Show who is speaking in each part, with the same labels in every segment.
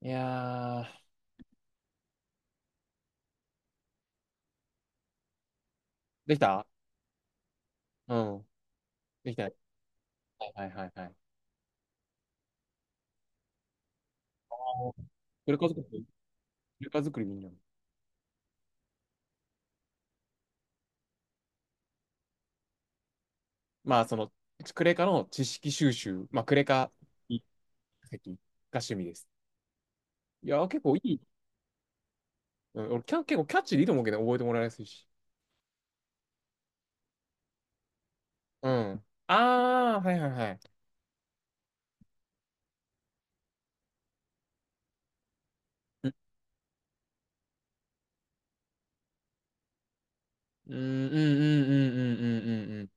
Speaker 1: いやー、できた。うん。できた。はいはいはいはい。クレカ作り、クレカ作りでいいんだ。まあ、その、クレカの知識収集、まあ、クレカ化石が趣味です。いやー、結構いい。うん、俺キャ、結構キャッチーでいいと思うけど、覚えてもらいやすいし。うん。あー、はいはいはい。うん、うん、うん、うん、うん、うん、うんうん。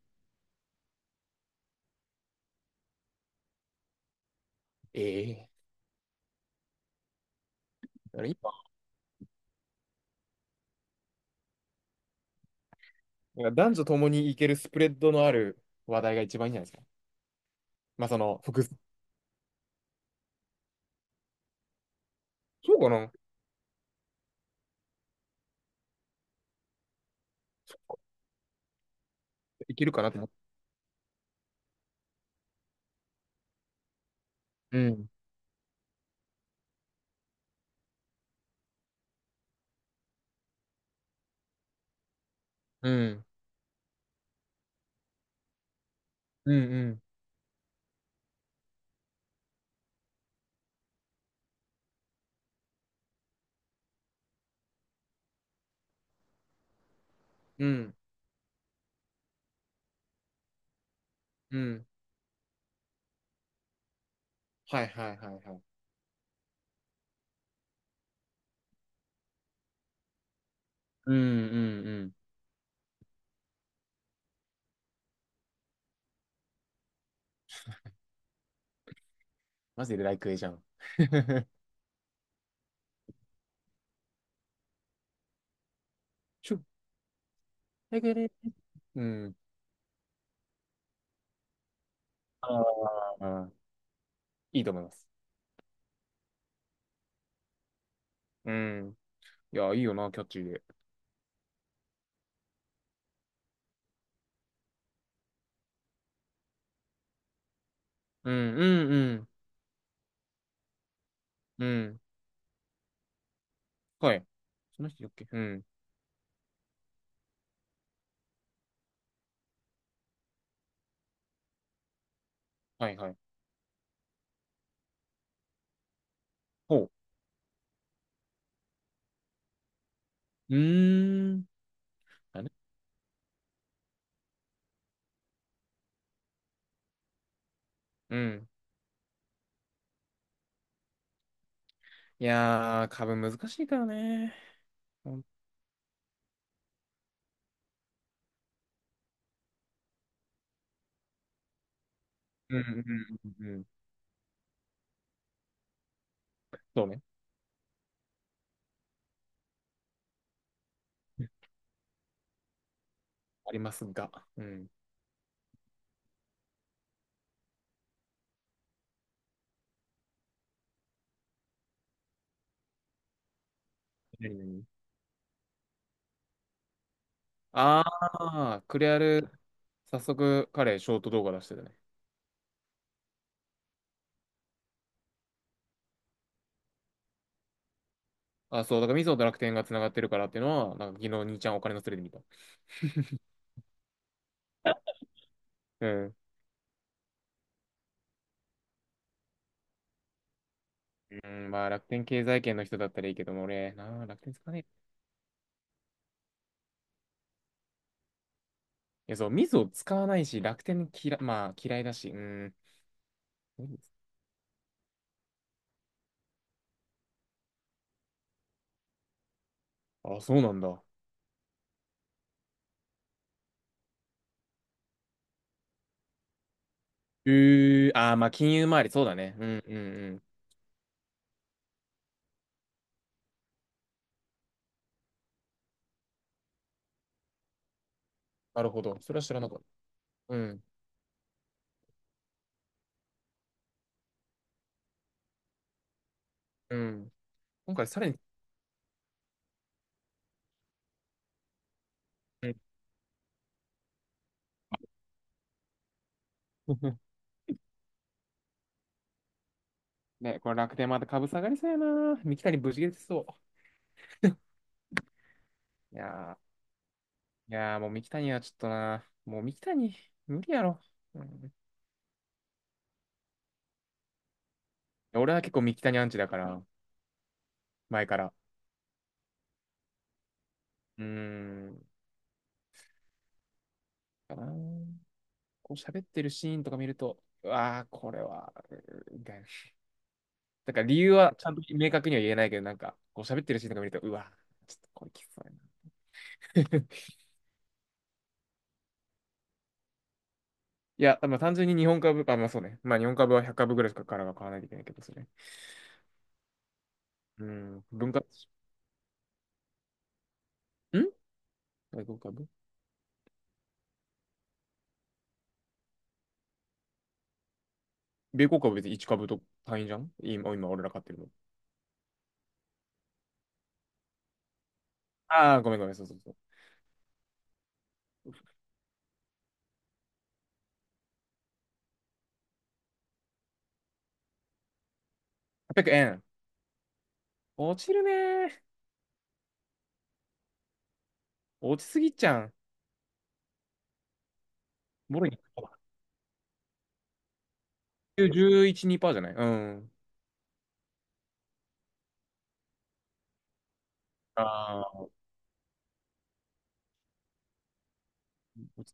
Speaker 1: ええー。だから今、なんから男女共にいけるスプレッドのある話題が一番いいんじゃないですか。まあ、その、複数、そうかな。いけるかなと思って。うん。うん。うんうん。うん。うん。はいはいはいはい。うんうんうん。マジでライクエじゃん。ちょ、だけで、うん。ああ、いいと思います。うん。いや、いいよな、キャッチーで。うん、うん、うん、うん。はい。その人だっけ。うん。はい、はい。ほう。うーん。だね。うん。いやー、株難しいからね。ほんうん、うん、うん。うん。そうね。ありますが。うん。何々。ああ、クレアル、早速彼、ショート動画出してたね。あ、そう、だからミソと楽天が繋がってるからっていうのは、なんか昨日兄ちゃんお金のすれで見た。うん。うん、まあ楽天経済圏の人だったらいいけども、俺、なあ、楽天使わない。いや、そう、ミソ使わないし、楽天嫌、まあ嫌いだし、うん。あ、そうなんだ。えー、あー、まあ金融周り、そうだね。うんうんうん。なるほど。それは知らなかった。うん。うん。今回さらに、うん。 ね、これ楽天また株下がりそうやな。三木谷ぶち切れてそう。いやー。いやーもう三木谷はちょっとな、もう三木谷、無理やろ。うん、俺は結構三木谷アンチだから、前から。うーん、かな。こう喋ってるシーンとか見ると、うわー、これは、うーみたいな。だから理由はちゃんと明確には言えないけど、なんか、こう喋ってるシーンとか見ると、うわー、ちょっとこれきつそうやな。いや、まあ単純に日本株、あ、まあそうね。まあ日本株は100株ぐらいしかからは買わないといけないけど、それ。うん、分割し、ん外国株米国株は別に1株と単位じゃん今俺ら買ってるの。ああ、ごめんごめん、そうそうそう。800円。落ちるねー。落ちすぎちゃん。もろに。11、にパーじゃない。うん。ああ。落ち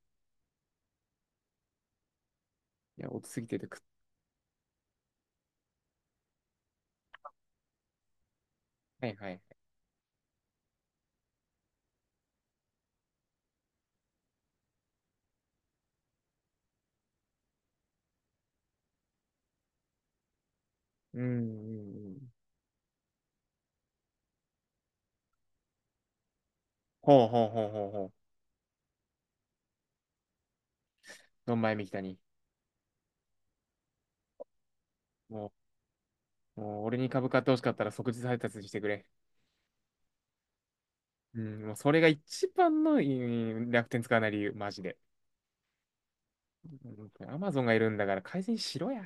Speaker 1: いや、落ちすぎててくっ。はいはい。うん、うんうん。ほうほうほうほうほう。ドンマイみきたに。ももう俺に株買ってほしかったら即日配達してくれ。うん、もうそれが一番の、うん、楽天使わない理由、マジで。アマゾンがいるんだから改善しろや。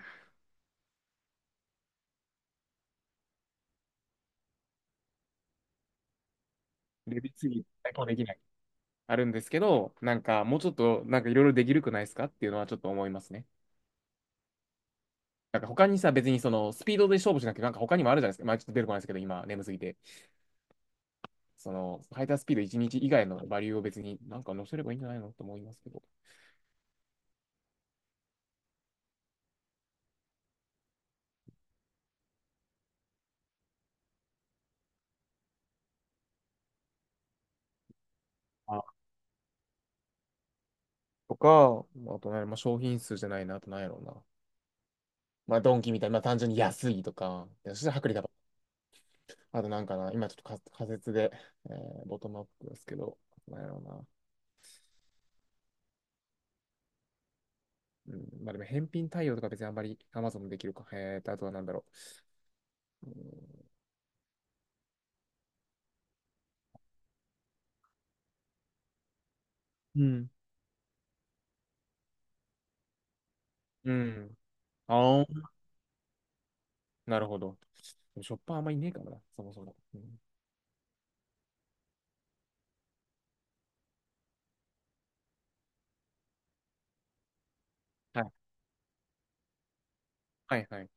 Speaker 1: レビュー次、一できない。あるんですけど、なんかもうちょっとなんかいろいろできるくないですかっていうのはちょっと思いますね。なんか他にさ、別にそのスピードで勝負しなくて、なんか他にもあるじゃないですか。まあちょっと出てこないですけど、今眠すぎて。その、ハイタースピード1日以外のバリューを別になんか載せればいいんじゃないのと思いますけど。あ、とか、あとね、まあ商品数じゃないな、あとなんやろうな。まあドンキみたいな、まあ単純に安いとか、そして薄利多売。あとなんかな、今ちょっと仮説で、えーボトムアップですけど、なんやろうな。うん、まあでも返品対応とか別にあんまり Amazon できるか。えーと、あとはなんだろう。うん。うん。ああ、なるほど。ショッパーあんまいねえからな、そもそも。うん、はい、はい、はい。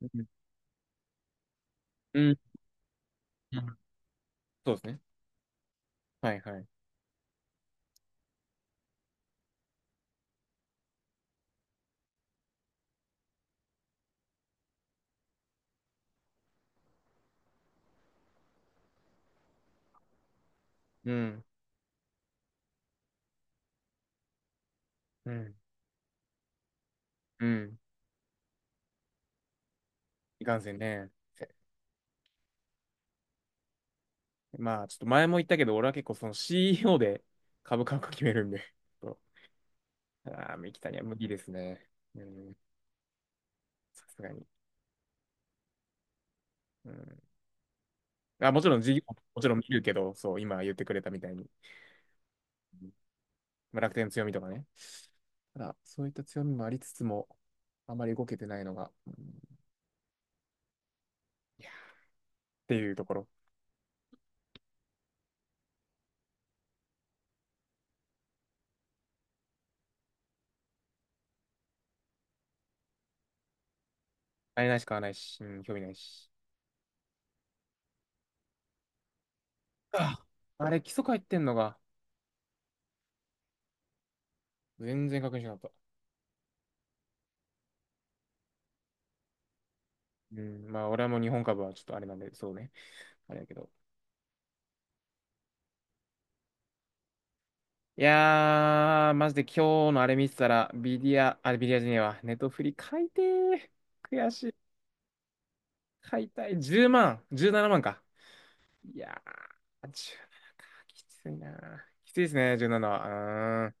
Speaker 1: うん、うん、うん。そうですね。はい、はい。うん、うん、うん。いかんせんね。まあ、ちょっと前も言ったけど、俺は結構その CEO で株価を決めるんで、ちああ、三木谷は無理ですね。うん、さすがに。うん、あ、もちろん事業、もちろん見るけど、そう、今言ってくれたみたいに、うん、まあ楽天の強みとかね、ただ、そういった強みもありつつも、あまり動けてないのが、うん、いやっていうところ。あれないし買わないし、うん、興味ないし。ああれ、基礎入ってんのが、全然確認しなかった。うん、まあ、俺はもう日本株はちょっとあれなんで、そうね。あれだけど。いやー、マジで今日のあれ見てたら、ビディア、あれビディアじゃねえわ、ネットフリ買いてー。悔しい。買いたい。10万、17万か。いやー、17か。きついなー。きついですね、17は。うーん。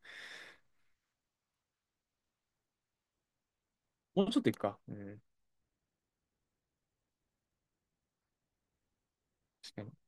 Speaker 1: もうちょっといくか。うん。確かに。